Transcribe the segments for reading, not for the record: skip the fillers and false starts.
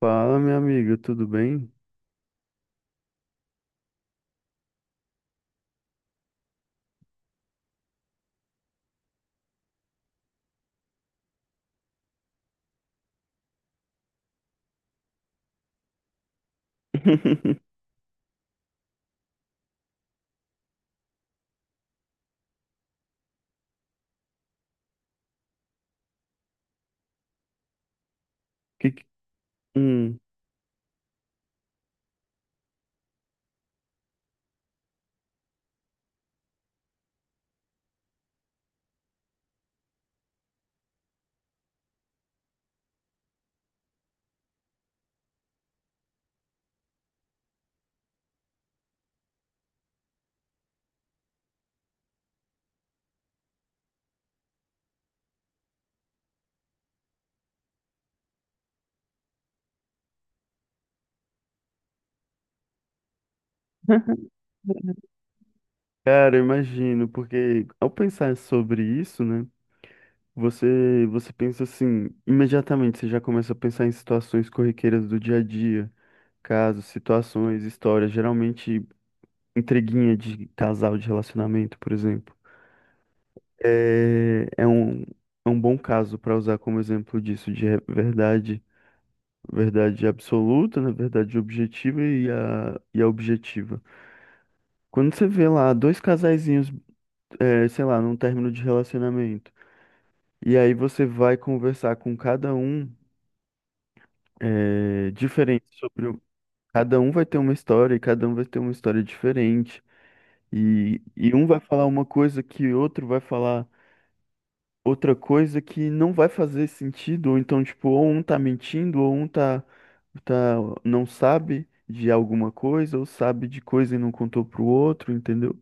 Fala, minha amiga, tudo bem? Que, que- Hum, Cara, eu imagino, porque ao pensar sobre isso, né? Você pensa assim, imediatamente você já começa a pensar em situações corriqueiras do dia a dia, casos, situações, histórias, geralmente intriguinha de casal, de relacionamento, por exemplo. É um bom caso para usar como exemplo disso, de verdade, verdade absoluta, né? Verdade objetiva e a objetiva. Quando você vê lá dois casaizinhos, sei lá, num término de relacionamento, e aí você vai conversar com cada um, diferente sobre o... Cada um vai ter uma história e cada um vai ter uma história diferente. E um vai falar uma coisa que outro vai falar outra coisa que não vai fazer sentido. Ou então, tipo, ou um tá mentindo, ou um tá, não sabe de alguma coisa, ou sabe de coisa e não contou pro outro, entendeu?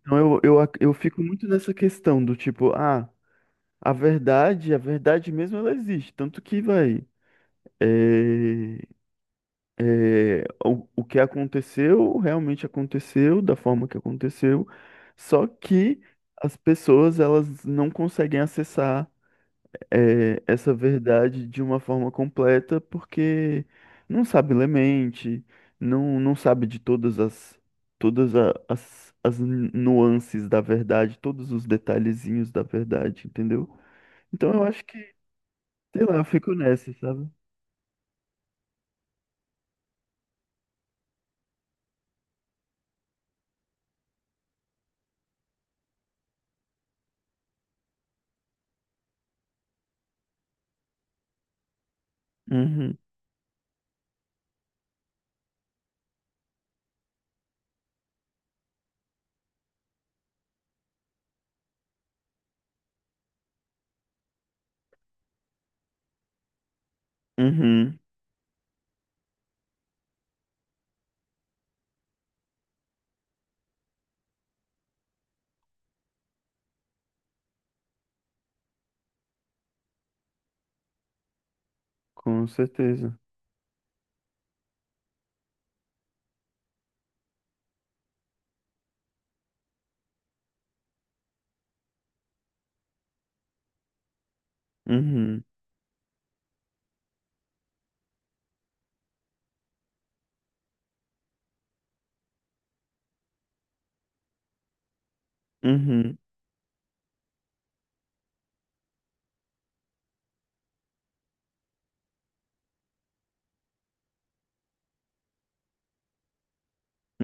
Então eu fico muito nessa questão do tipo, ah, a verdade mesmo ela existe, tanto que vai. É, é, o que aconteceu realmente aconteceu da forma que aconteceu, só que as pessoas elas não conseguem acessar essa verdade de uma forma completa, porque não sabe ler mente, não sabe de todas as, todas a- as, as nuances da verdade, todos os detalhezinhos da verdade, entendeu? Então eu acho que, sei lá, eu fico nessa, sabe? Uhum, uhum, com certeza. Uhum, uhum,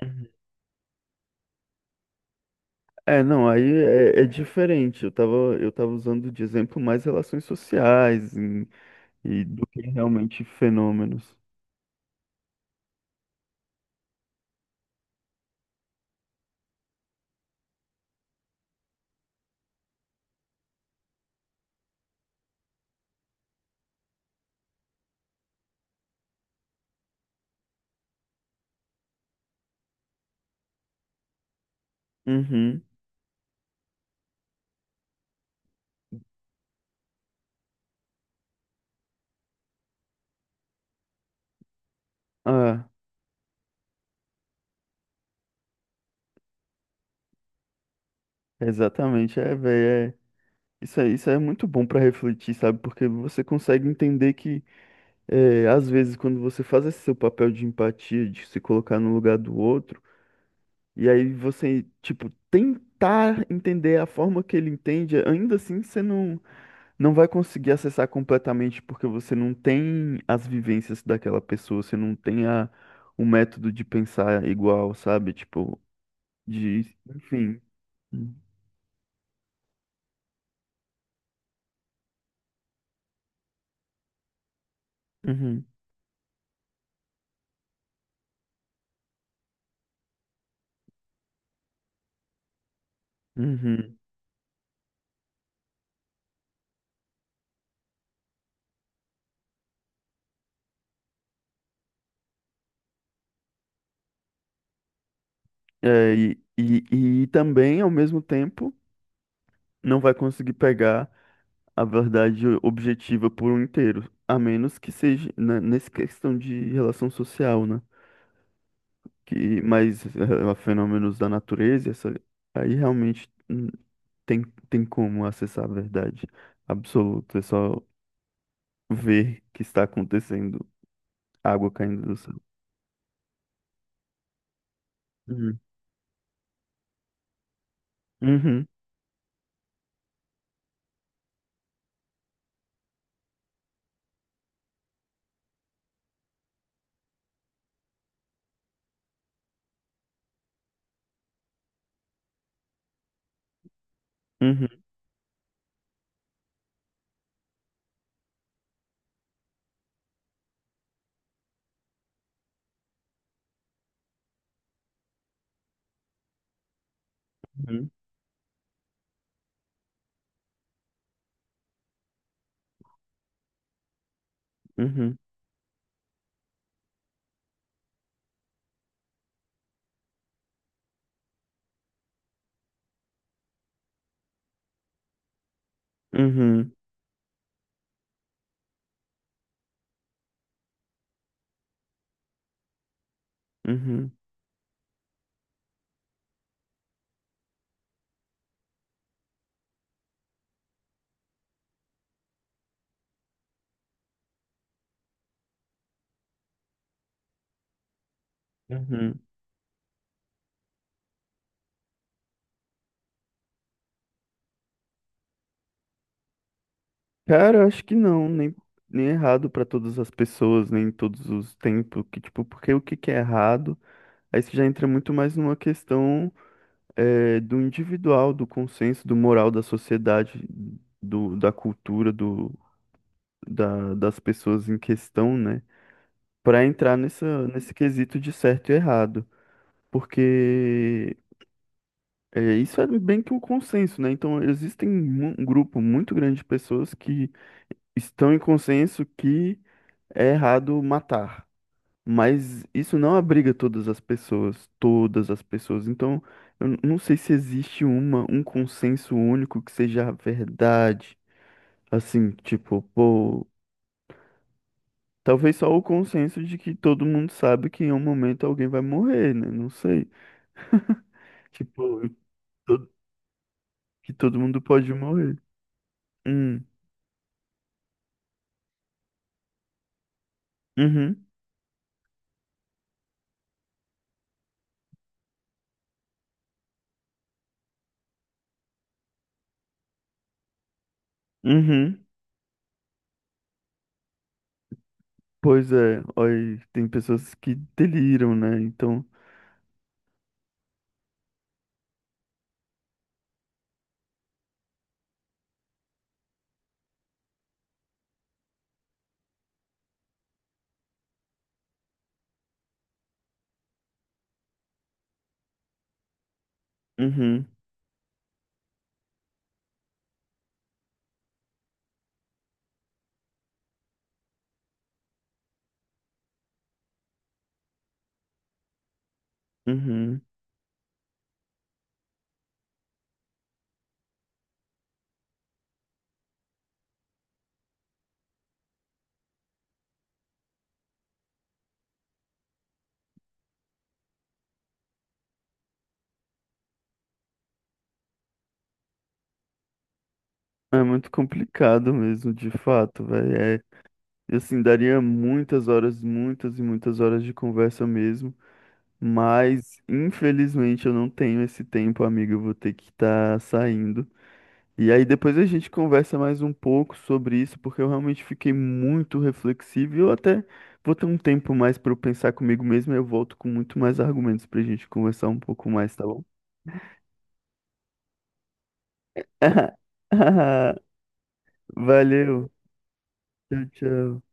uhum. É, não, aí é, é diferente. Eu tava usando de exemplo mais relações sociais e do que realmente fenômenos. Uhum. Ah, exatamente. É, velho. Isso é muito bom pra refletir, sabe? Porque você consegue entender que, é, às vezes, quando você faz esse seu papel de empatia, de se colocar no lugar do outro, e aí você, tipo, tentar entender a forma que ele entende, ainda assim você não, não vai conseguir acessar completamente, porque você não tem as vivências daquela pessoa, você não tem a, o método de pensar igual, sabe? Tipo, de. Enfim. Uhum. Uhum. É, e também, ao mesmo tempo, não vai conseguir pegar a verdade objetiva por um inteiro, a menos que seja né, nessa questão de relação social, né? Que, mas fenômenos da natureza, essa, aí realmente tem, tem como acessar a verdade absoluta, é só ver que está acontecendo, água caindo do céu. Uhum, uhum, uhum, uhum, uhum, uhum, uhum, uhum. Cara, eu acho que não, nem, nem é errado pra todas as pessoas, nem em todos os tempos, que tipo, porque o que que é errado, aí você já entra muito mais numa questão do individual, do consenso, do moral da sociedade, do, da cultura, do, da, das pessoas em questão, né? Pra entrar nessa, nesse quesito de certo e errado, porque isso é bem que um consenso, né? Então, existem um grupo muito grande de pessoas que estão em consenso que é errado matar, mas isso não abriga todas as pessoas, todas as pessoas. Então, eu não sei se existe uma, um consenso único que seja a verdade. Assim, tipo, pô, talvez só o consenso de que todo mundo sabe que em um momento alguém vai morrer, né? Não sei. Tipo, to- que todo mundo pode morrer. Hum, uhum, uhum. Pois é, olha, tem pessoas que deliram, né? Então, uhum, uhum. É muito complicado mesmo, de fato, velho. É, e assim, daria muitas horas, muitas e muitas horas de conversa mesmo. Mas, infelizmente, eu não tenho esse tempo, amigo. Eu vou ter que estar saindo. E aí, depois a gente conversa mais um pouco sobre isso, porque eu realmente fiquei muito reflexivo. E eu até vou ter um tempo mais para eu pensar comigo mesmo. E eu volto com muito mais argumentos pra gente conversar um pouco mais, tá bom? Valeu. Tchau, tchau.